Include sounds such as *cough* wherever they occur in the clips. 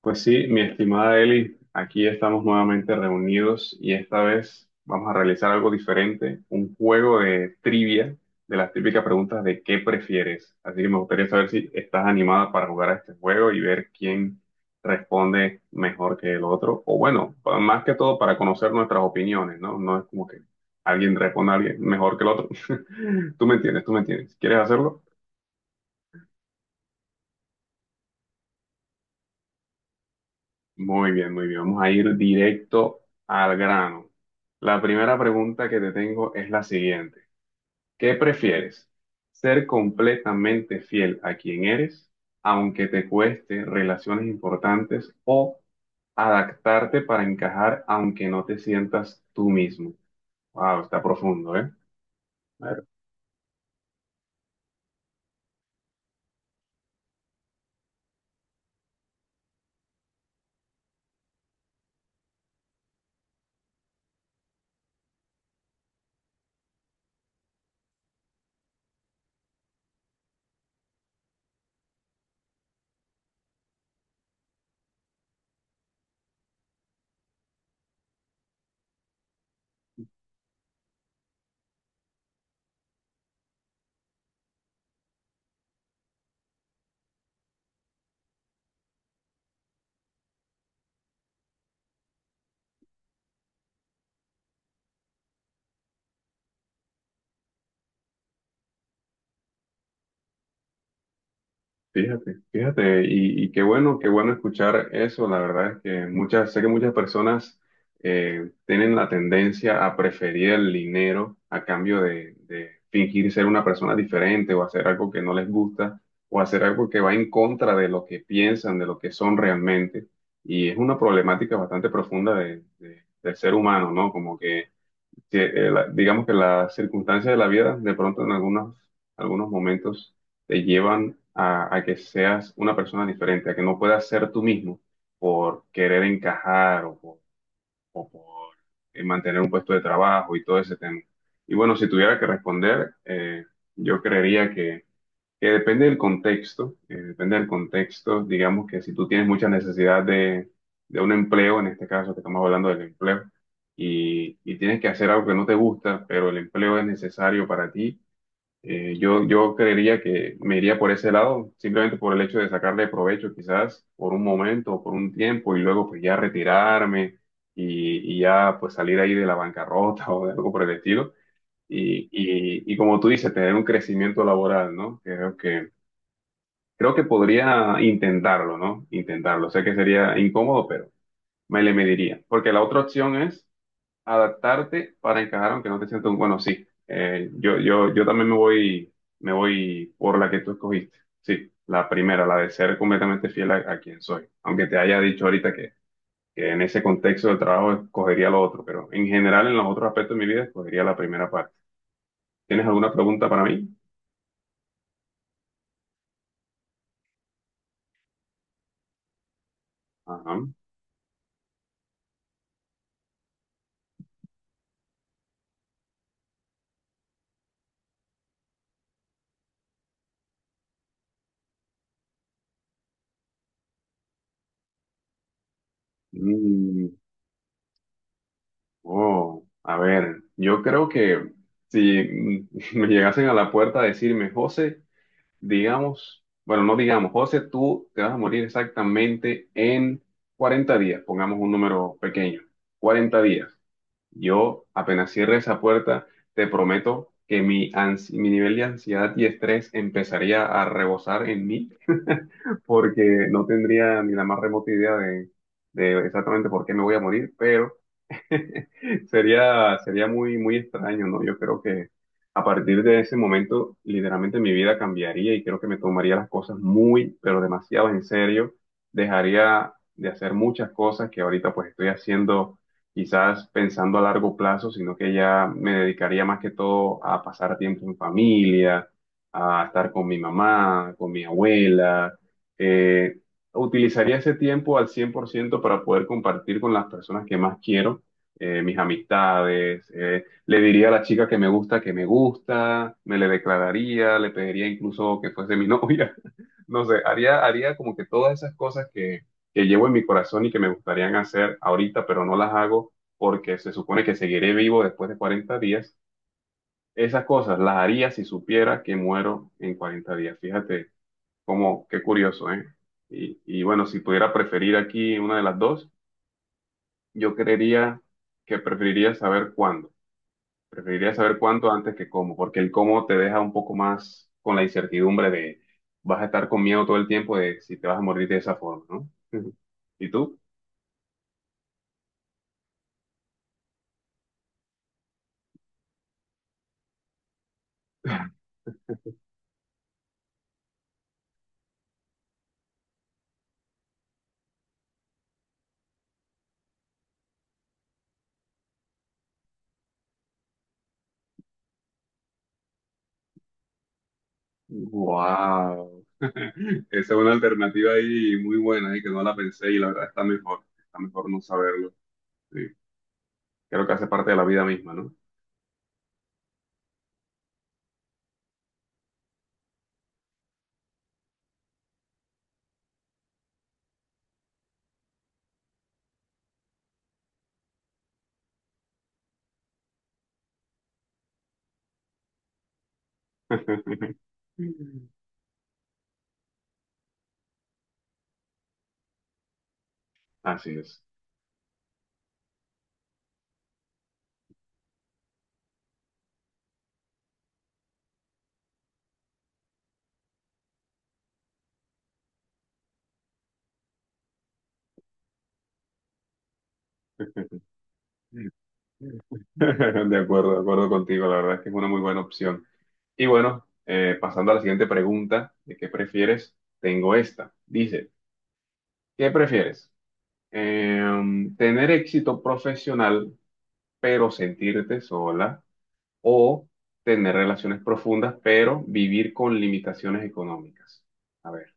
Pues sí, mi estimada Eli, aquí estamos nuevamente reunidos y esta vez vamos a realizar algo diferente, un juego de trivia de las típicas preguntas de qué prefieres. Así que me gustaría saber si estás animada para jugar a este juego y ver quién responde mejor que el otro. O bueno, más que todo para conocer nuestras opiniones, ¿no? No es como que alguien responda a alguien mejor que el otro. *laughs* Tú me entiendes, tú me entiendes. ¿Quieres hacerlo? Muy bien, muy bien. Vamos a ir directo al grano. La primera pregunta que te tengo es la siguiente. ¿Qué prefieres? ¿Ser completamente fiel a quien eres, aunque te cueste relaciones importantes, o adaptarte para encajar, aunque no te sientas tú mismo? Wow, está profundo, ¿eh? Fíjate, fíjate, y qué bueno escuchar eso. La verdad es que muchas, sé que muchas personas tienen la tendencia a preferir el dinero a cambio de fingir ser una persona diferente o hacer algo que no les gusta o hacer algo que va en contra de lo que piensan, de lo que son realmente. Y es una problemática bastante profunda del ser humano, ¿no? Como que digamos que las circunstancias de la vida de pronto en algunos momentos te llevan a que seas una persona diferente, a que no puedas ser tú mismo por querer encajar o por mantener un puesto de trabajo y todo ese tema. Y bueno, si tuviera que responder, yo creería que depende del contexto, digamos que si tú tienes mucha necesidad de un empleo, en este caso que estamos hablando del empleo, y tienes que hacer algo que no te gusta, pero el empleo es necesario para ti, yo creería que me iría por ese lado, simplemente por el hecho de sacarle provecho quizás por un momento o por un tiempo y luego pues ya retirarme y ya pues salir ahí de la bancarrota *laughs* o de algo por el estilo. Y como tú dices, tener un crecimiento laboral, ¿no? Creo que podría intentarlo, ¿no? Intentarlo. Sé que sería incómodo, pero me le mediría. Porque la otra opción es adaptarte para encajar, aunque no te sientas un bueno, sí. Yo también me voy por la que tú escogiste. Sí, la primera, la de ser completamente fiel a quien soy. Aunque te haya dicho ahorita que en ese contexto del trabajo escogería lo otro, pero en general en los otros aspectos de mi vida escogería la primera parte. ¿Tienes alguna pregunta para mí? Ajá. Mm, Oh, a ver, yo creo que si *laughs* me llegasen a la puerta a decirme, José, digamos, bueno, no digamos, José, tú te vas a morir exactamente en 40 días, pongamos un número pequeño, 40 días. Yo apenas cierre esa puerta, te prometo que mi nivel de ansiedad y estrés empezaría a rebosar en mí, *laughs* porque no tendría ni la más remota idea de exactamente por qué me voy a morir, pero... *laughs* Sería muy, muy extraño, ¿no? Yo creo que a partir de ese momento, literalmente mi vida cambiaría y creo que me tomaría las cosas muy, pero demasiado en serio. Dejaría de hacer muchas cosas que ahorita pues estoy haciendo, quizás pensando a largo plazo, sino que ya me dedicaría más que todo a pasar tiempo en familia, a estar con mi mamá, con mi abuela. eh, Utilizaría ese tiempo al 100% para poder compartir con las personas que más quiero mis amistades, le diría a la chica que me gusta, me le declararía, le pediría incluso que fuese mi *laughs* novia, no sé, haría como que todas esas cosas que llevo en mi corazón y que me gustarían hacer ahorita, pero no las hago porque se supone que seguiré vivo después de 40 días. Esas cosas las haría si supiera que muero en 40 días. Fíjate cómo, qué curioso, ¿eh? Y bueno, si pudiera preferir aquí una de las dos, yo creería que preferiría saber cuánto antes que cómo, porque el cómo te deja un poco más con la incertidumbre de vas a estar con miedo todo el tiempo de si te vas a morir de esa forma, ¿no? *laughs* ¿Y tú? ¡Wow! *laughs* Esa es una alternativa ahí muy buena y que no la pensé y la verdad está mejor. Está mejor no saberlo. Sí. Creo que hace parte de la vida misma, ¿no? *laughs* Así es. *laughs* De acuerdo contigo. La verdad es que es una muy buena opción. Y bueno, pasando a la siguiente pregunta, ¿de qué prefieres? Tengo esta. Dice, ¿qué prefieres? ¿Tener éxito profesional pero sentirte sola? ¿O tener relaciones profundas pero vivir con limitaciones económicas? A ver,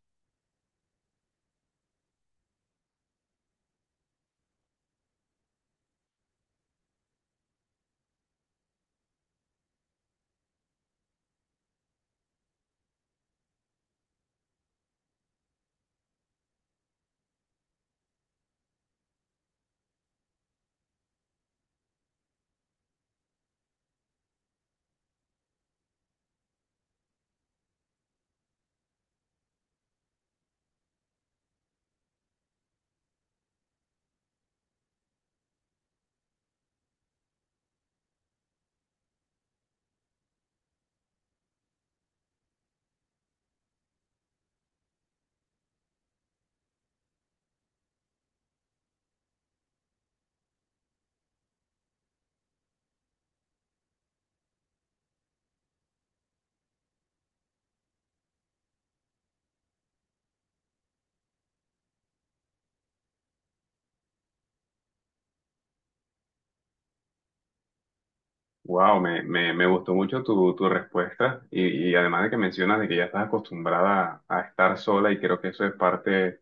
wow, me gustó mucho tu respuesta y además de que mencionas de que ya estás acostumbrada a estar sola y creo que eso es parte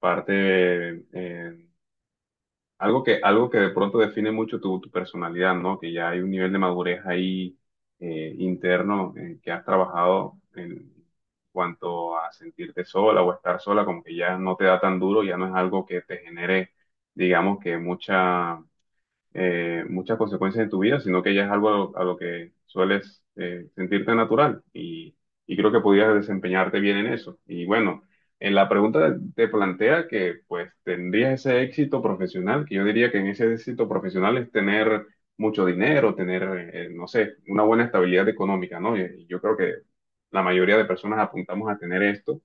parte eh, Algo que de pronto define mucho tu personalidad, ¿no? Que ya hay un nivel de madurez ahí interno que has trabajado en cuanto a sentirte sola o estar sola, como que ya no te da tan duro, ya no es algo que te genere, digamos que muchas consecuencias en tu vida, sino que ya es algo a lo que sueles sentirte natural y creo que podías desempeñarte bien en eso. Y bueno, en la pregunta te plantea que pues tendrías ese éxito profesional, que yo diría que en ese éxito profesional es tener mucho dinero, no sé, una buena estabilidad económica, ¿no? Y yo creo que la mayoría de personas apuntamos a tener esto.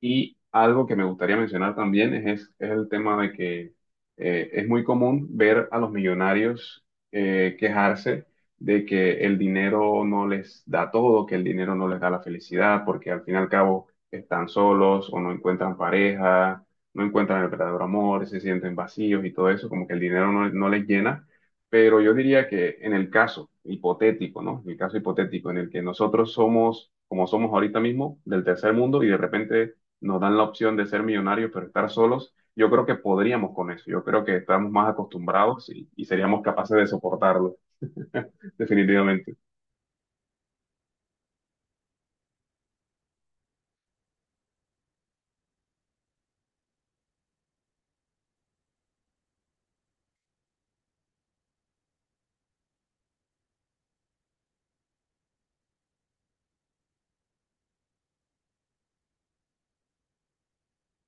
Y algo que me gustaría mencionar también es el tema de que es muy común ver a los millonarios quejarse de que el dinero no les da todo, que el dinero no les da la felicidad, porque al fin y al cabo están solos o no encuentran pareja, no encuentran el verdadero amor, se sienten vacíos y todo eso, como que el dinero no les llena. Pero yo diría que en el caso hipotético, ¿no? En el caso hipotético en el que nosotros somos, como somos ahorita mismo, del tercer mundo y de repente nos dan la opción de ser millonarios, pero estar solos, yo creo que podríamos con eso. Yo creo que estamos más acostumbrados y seríamos capaces de soportarlo, *laughs* definitivamente.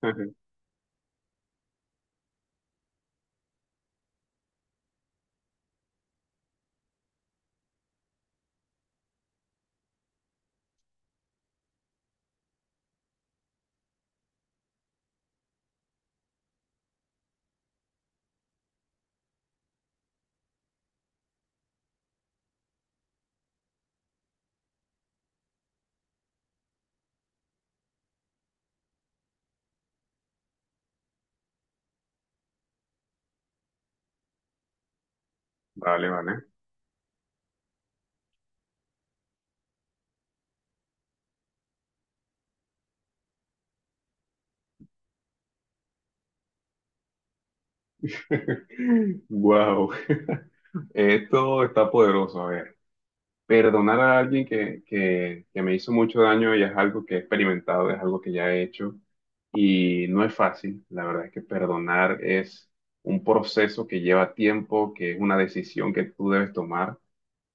*laughs* Vale, vale. *laughs* Wow. *laughs* Esto está poderoso. A ver, perdonar a alguien que me hizo mucho daño ya es algo que he experimentado, es algo que ya he hecho y no es fácil. La verdad es que perdonar es un proceso que lleva tiempo, que es una decisión que tú debes tomar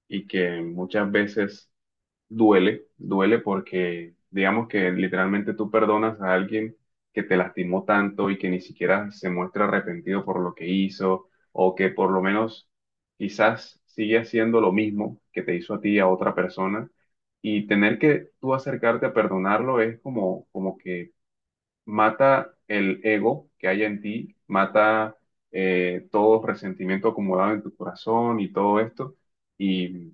y que muchas veces duele, duele porque digamos que literalmente tú perdonas a alguien que te lastimó tanto y que ni siquiera se muestra arrepentido por lo que hizo o que por lo menos quizás sigue haciendo lo mismo que te hizo a ti a otra persona y tener que tú acercarte a perdonarlo es como que mata el ego que hay en ti, mata todo resentimiento acumulado en tu corazón y todo esto. Y,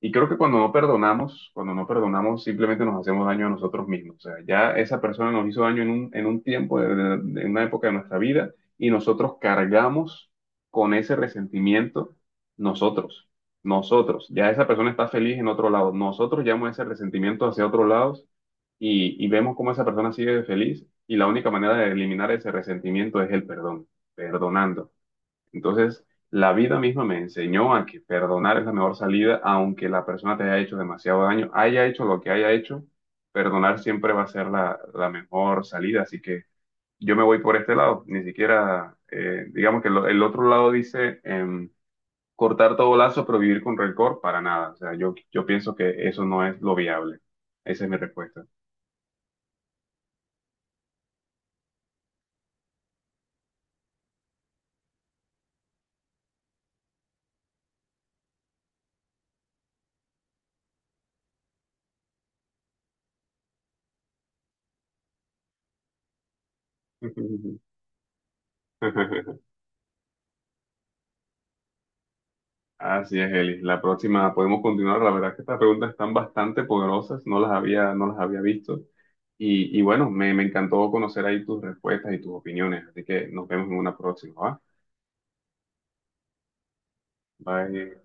y creo que cuando no perdonamos, simplemente nos hacemos daño a nosotros mismos. O sea, ya esa persona nos hizo daño en un tiempo, en una época de nuestra vida, y nosotros cargamos con ese resentimiento nosotros. Nosotros, ya esa persona está feliz en otro lado. Nosotros llevamos ese resentimiento hacia otros lados y vemos cómo esa persona sigue feliz y la única manera de eliminar ese resentimiento es el perdón, perdonando. Entonces, la vida misma me enseñó a que perdonar es la mejor salida, aunque la persona te haya hecho demasiado daño, haya hecho lo que haya hecho, perdonar siempre va a ser la mejor salida. Así que yo me voy por este lado, ni siquiera, digamos que el otro lado dice cortar todo lazo, pero vivir con rencor, para nada. O sea, yo pienso que eso no es lo viable. Esa es mi respuesta. *laughs* Así es, Eli. La próxima podemos continuar. La verdad es que estas preguntas están bastante poderosas. No las había visto. Y bueno, me encantó conocer ahí tus respuestas y tus opiniones. Así que nos vemos en una próxima, ¿va? Bye.